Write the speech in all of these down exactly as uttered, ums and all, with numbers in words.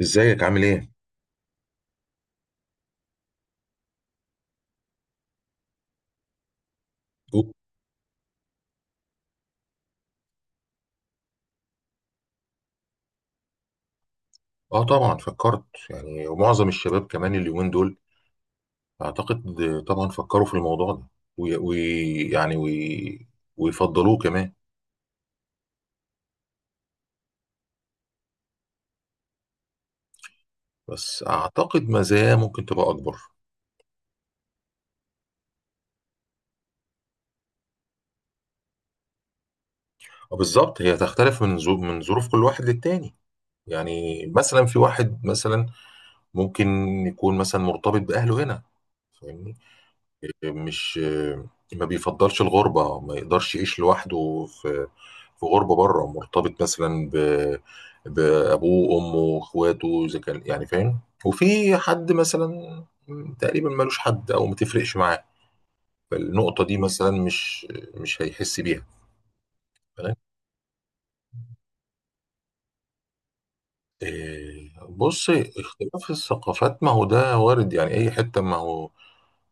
ازيك عامل ايه؟ أوه. اه، طبعا فكرت. يعني ومعظم الشباب كمان اليومين دول، اعتقد، طبعا فكروا في الموضوع ده، ويعني وي يعني وي ويفضلوه كمان. بس اعتقد مزاياه ممكن تبقى اكبر. آه، بالظبط، هي تختلف من ظروف من ظروف كل واحد للتاني. يعني مثلا في واحد، مثلا ممكن يكون مثلا مرتبط باهله هنا، فاهمني؟ مش ما بيفضلش الغربة، ما يقدرش يعيش لوحده في في غربة بره، مرتبط مثلا ب بأبوه وأمه وإخواته، إذا كان، يعني فاهم. وفي حد مثلا تقريبا ملوش حد أو ما تفرقش معاه، فالنقطة دي مثلا مش مش هيحس بيها، فاهم. إيه، بص، اختلاف الثقافات ما هو ده وارد يعني، أي حتة، ما هو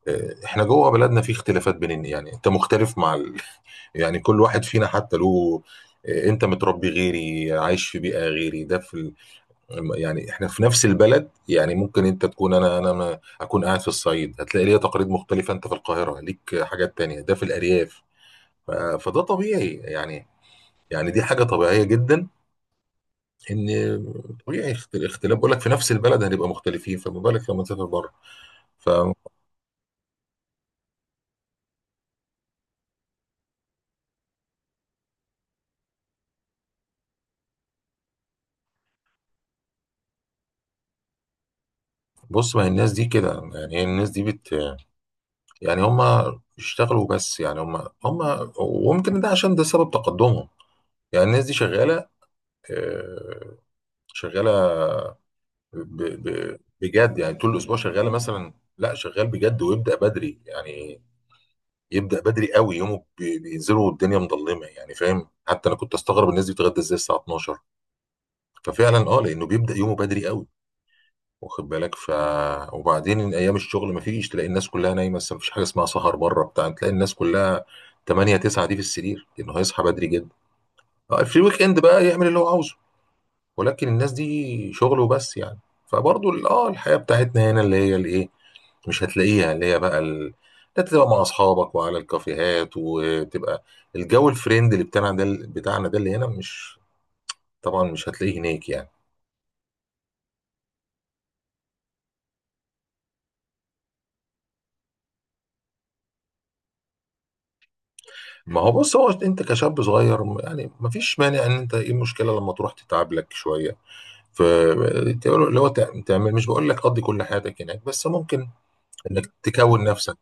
آه، احنا جوه بلدنا في اختلافات بيننا، يعني انت مختلف مع ال... يعني كل واحد فينا حتى له آه، انت متربي غيري، عايش في بيئة غيري، ده في ال... يعني احنا في نفس البلد، يعني ممكن انت تكون، انا انا ما اكون قاعد في الصعيد هتلاقي ليا تقاليد مختلفة، انت في القاهرة ليك حاجات تانية، ده في الارياف. ف... فده طبيعي يعني، يعني دي حاجة طبيعية جدا، ان، طبيعي اخت- اختلاف، بقول لك في نفس البلد هنبقى مختلفين، فما بالك لما تسافر بره. فبص، ما هي الناس دي كده، يعني هي الناس دي بت، يعني هم اشتغلوا بس، يعني هم هم وممكن ده عشان ده سبب تقدمهم. يعني الناس دي شغالة آه، شغالة ب- ب- بجد، يعني طول الأسبوع شغالة مثلا، لا شغال بجد ويبدأ بدري يعني، يبدأ بدري قوي يومه بي- بينزلوا والدنيا مظلمة، يعني فاهم، حتى أنا كنت أستغرب الناس دي بتتغدى إزاي الساعة اتناشر. ففعلا أه، لأنه بيبدأ يومه بدري قوي، واخد بالك؟ ف، وبعدين ايام الشغل ما فيش، تلاقي الناس كلها نايمه، بس ما فيش حاجه اسمها سهر بره بتاع، تلاقي الناس كلها تمانية تسعة دي في السرير لانه هيصحى بدري جدا. آه، في الويك اند بقى يعمل اللي هو عاوزه، ولكن الناس دي شغل وبس يعني. فبرضه ال- اه الحياه بتاعتنا هنا اللي هي الايه، مش هتلاقيها، اللي هي بقى ال... لا، تبقى مع اصحابك وعلى الكافيهات، وتبقى الجو الفريند اللي بتاعنا ده بتاعنا ده اللي هنا، مش، طبعا مش هتلاقيه هناك يعني. ما هو بص، هو انت كشاب صغير م- يعني ما فيش مانع ان انت، ايه المشكله لما تروح تتعب لك شويه، ف تقول- اللي هو تع- تعمل، مش بقول لك قضي كل حياتك هناك، بس ممكن انك تكون نفسك،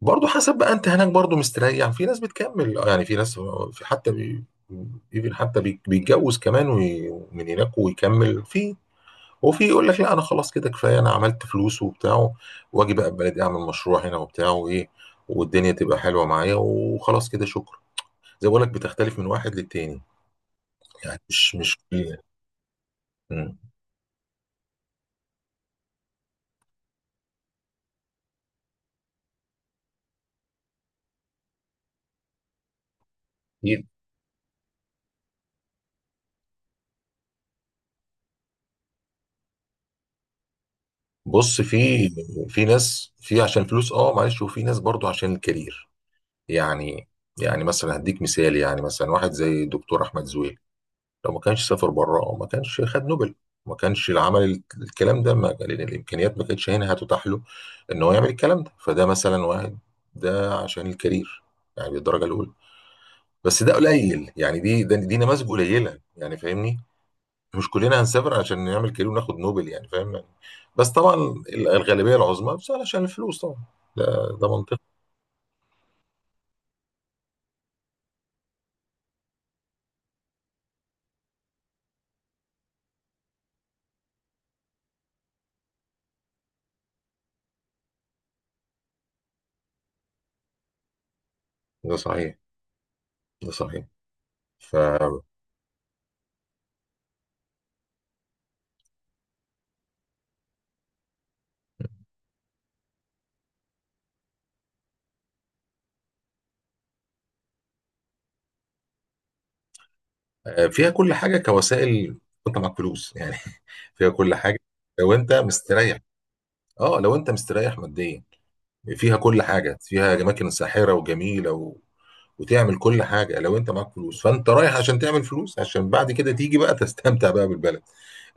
برضو حسب بقى، انت هناك برضو مستريح، في ناس بتكمل آه، يعني في ناس، في حتى بي even حتى بي- بيتجوز كمان وي- من هناك ويكمل في، وفي يقول لك لا انا خلاص كده كفايه، انا عملت فلوس وبتاع، واجي بقى بلدي اعمل مشروع هنا وبتاع وايه، والدنيا تبقى حلوه معايا وخلاص كده شكرا. زي بقول لك، بتختلف من واحد للتاني، يعني مش مش مم. أكيد. بص في، في ناس في عشان فلوس اه، معلش، وفي ناس برضو عشان الكارير يعني. يعني مثلا هديك مثال، يعني مثلا واحد زي دكتور احمد زويل، لو ما كانش سافر بره ما كانش خد نوبل، ما كانش العمل ال- الكلام ده، ما لأن الامكانيات ما كانتش هنا هتتاح له ان هو يعمل الكلام ده، فده مثلا واحد، ده عشان الكارير يعني بالدرجه الاولى. بس ده قليل يعني، دي ده- دي نماذج قليله، يعني فاهمني. مش كلنا هنسافر عشان نعمل كارير وناخد نوبل، يعني فاهم يعني؟ بس طبعا ال- الغالبيه العظمى بس علشان الفلوس طبعا. ده ده منطقي. ده صحيح، ده صحيح، ففيها كل حاجه كوسائل، وانت معاك فلوس يعني. فيها كل حاجه، لو انت مستريح، اه لو انت مستريح ماديا، فيها كل حاجه، فيها اماكن ساحره وجميله و... وتعمل كل حاجه لو انت معاك فلوس. فانت رايح عشان تعمل فلوس، عشان بعد كده تيجي بقى تستمتع بقى بالبلد،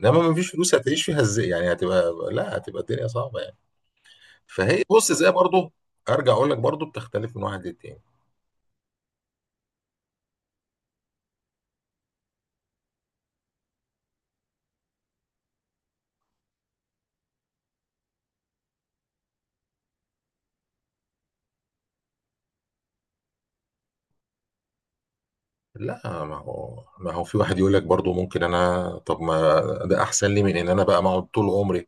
انما ما فيش فلوس هتعيش فيها ازاي يعني؟ هتبقى، لا هتبقى الدنيا صعبه يعني. فهي بص، زي برضه، ارجع اقول لك برضه بتختلف من واحد للتاني. لا ما هو ما هو في واحد يقول لك برضه، ممكن انا طب، ما ده احسن لي من ان انا بقى اقعد طول عمري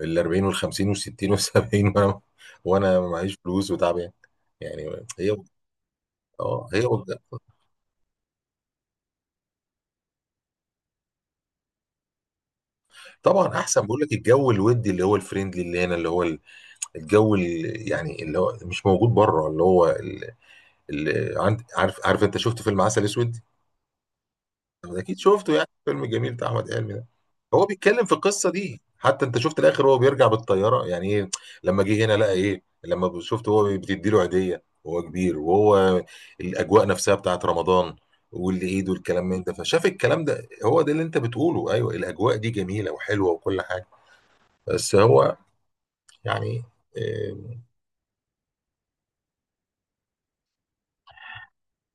ال اربعين وال خمسين وال ستين وال سبعين، وانا، وانا معيش فلوس وتعبان يعني. يعني هي اه، هي طبعا. احسن، بقول لك الجو الودي اللي هو الفريندلي اللي هنا، اللي هو ال- الجو اللي، يعني اللي هو مش موجود بره، اللي هو ال- اللي عند- عارف عارف انت شفت فيلم عسل اسود؟ اكيد شفته، يعني الفيلم الجميل بتاع احمد حلمي ده. هو بيتكلم في القصه دي، حتى انت شفت الاخر، هو بيرجع بالطياره يعني ايه، لما جه هنا لقى ايه، لما شفت هو بتدي له هديه وهو كبير، وهو الاجواء نفسها بتاعت رمضان والعيد والكلام من ده، فشاف الكلام ده، هو ده اللي انت بتقوله، ايوه، الاجواء دي جميله وحلوه وكل حاجه. بس هو يعني آه،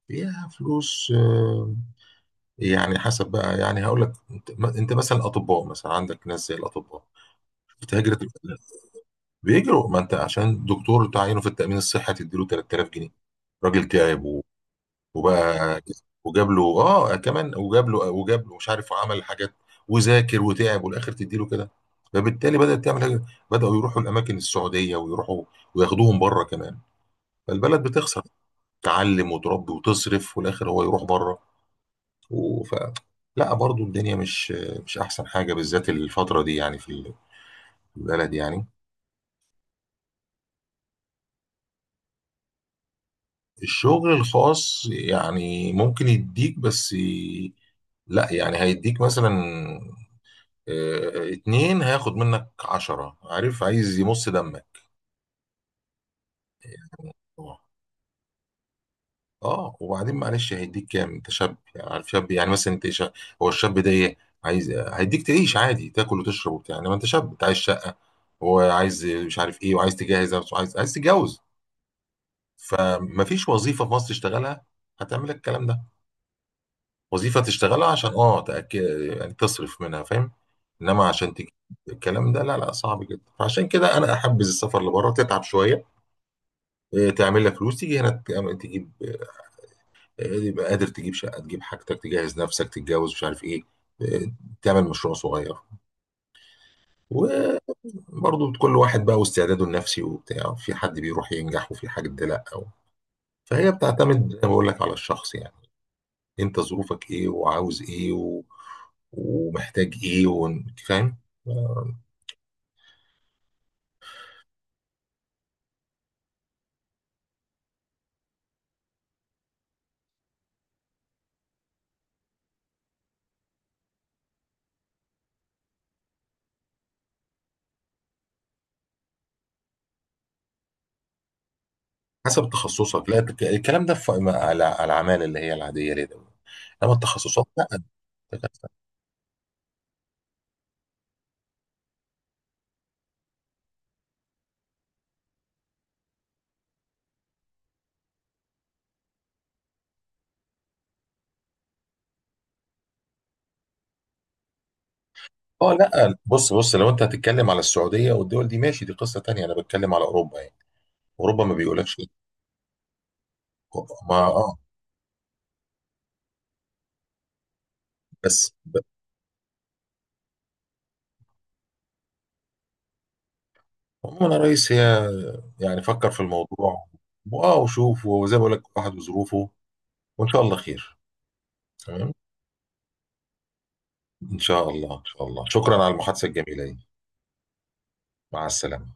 فيها فلوس آه، يعني حسب بقى. يعني هقول لك انت، انت مثلا الاطباء مثلا، عندك ناس زي الاطباء بتهاجر، بيجروا، ما انت عشان دكتور تعينه في التأمين الصحي تديله تلات آلاف جنيه، راجل تعب و، وبقى وجاب له اه كمان، وجاب له وجاب له مش عارف، وعمل حاجات وذاكر وتعب والاخر تديله كده. فبالتالي بدأت تعمل حاجة، بدأوا يروحوا الأماكن السعودية ويروحوا وياخدوهم بره كمان، فالبلد بتخسر، تعلم وتربي وتصرف والآخر هو يروح بره. وف... لا برضو الدنيا مش مش أحسن حاجة بالذات الفترة دي يعني، في البلد يعني. الشغل الخاص يعني ممكن يديك بس ي- لا يعني هيديك مثلا آه، اتنين هياخد منك عشرة، عارف، عايز يمص دمك. اه، وبعدين معلش، هيديك كام؟ انت شاب يعني، عارف شاب يعني، مثلا انت شا... هو الشاب ده ايه عايز؟ هيديك تعيش عادي، تاكل وتشرب وبتاع، انما انت شاب، انت عايز شقة، وعايز مش عارف ايه، وعايز تجهز نفسك، وعايز عايز تتجوز. فمفيش وظيفة في مصر تشتغلها هتعمل لك الكلام ده. وظيفة تشتغلها عشان اه تأكد، يعني تصرف منها فاهم، انما عشان تجيب الكلام ده لا لا، صعب جدا. فعشان كده انا احبذ السفر لبره، تتعب شويه إيه، تعمل لك فلوس، تيجي هنا تعمل- تجيب إيه، يبقى قادر تجيب شقه، تجيب حاجتك، تجهز نفسك، تتجوز، مش عارف ايه إيه، تعمل مشروع صغير. وبرضه كل واحد بقى واستعداده النفسي وبتاع، في حد بيروح ينجح، وفي حد لا أو. فهي بتعتمد زي ما بقول لك على الشخص، يعني انت ظروفك ايه؟ وعاوز ايه و... ومحتاج ايه و... فاهم. حسب تخصصك، لا الك- الكلام ده في م- على على العمال اللي هي العاديه، ليه ده، انما التخصصات لا. اه لا، بص بص، لو انت هتتكلم على السعوديه والدول دي ماشي، دي قصه تانية، انا بتكلم على اوروبا يعني. اوروبا ما بيقولكش. ما اه، بس ب-، عموما يا ريس هي، يعني فكر في الموضوع، واه وشوف، وزي ما بقول لك، واحد وظروفه، وان شاء الله خير. تمام. إن شاء الله إن شاء الله. شكرا على المحادثة الجميلة دي. مع السلامة.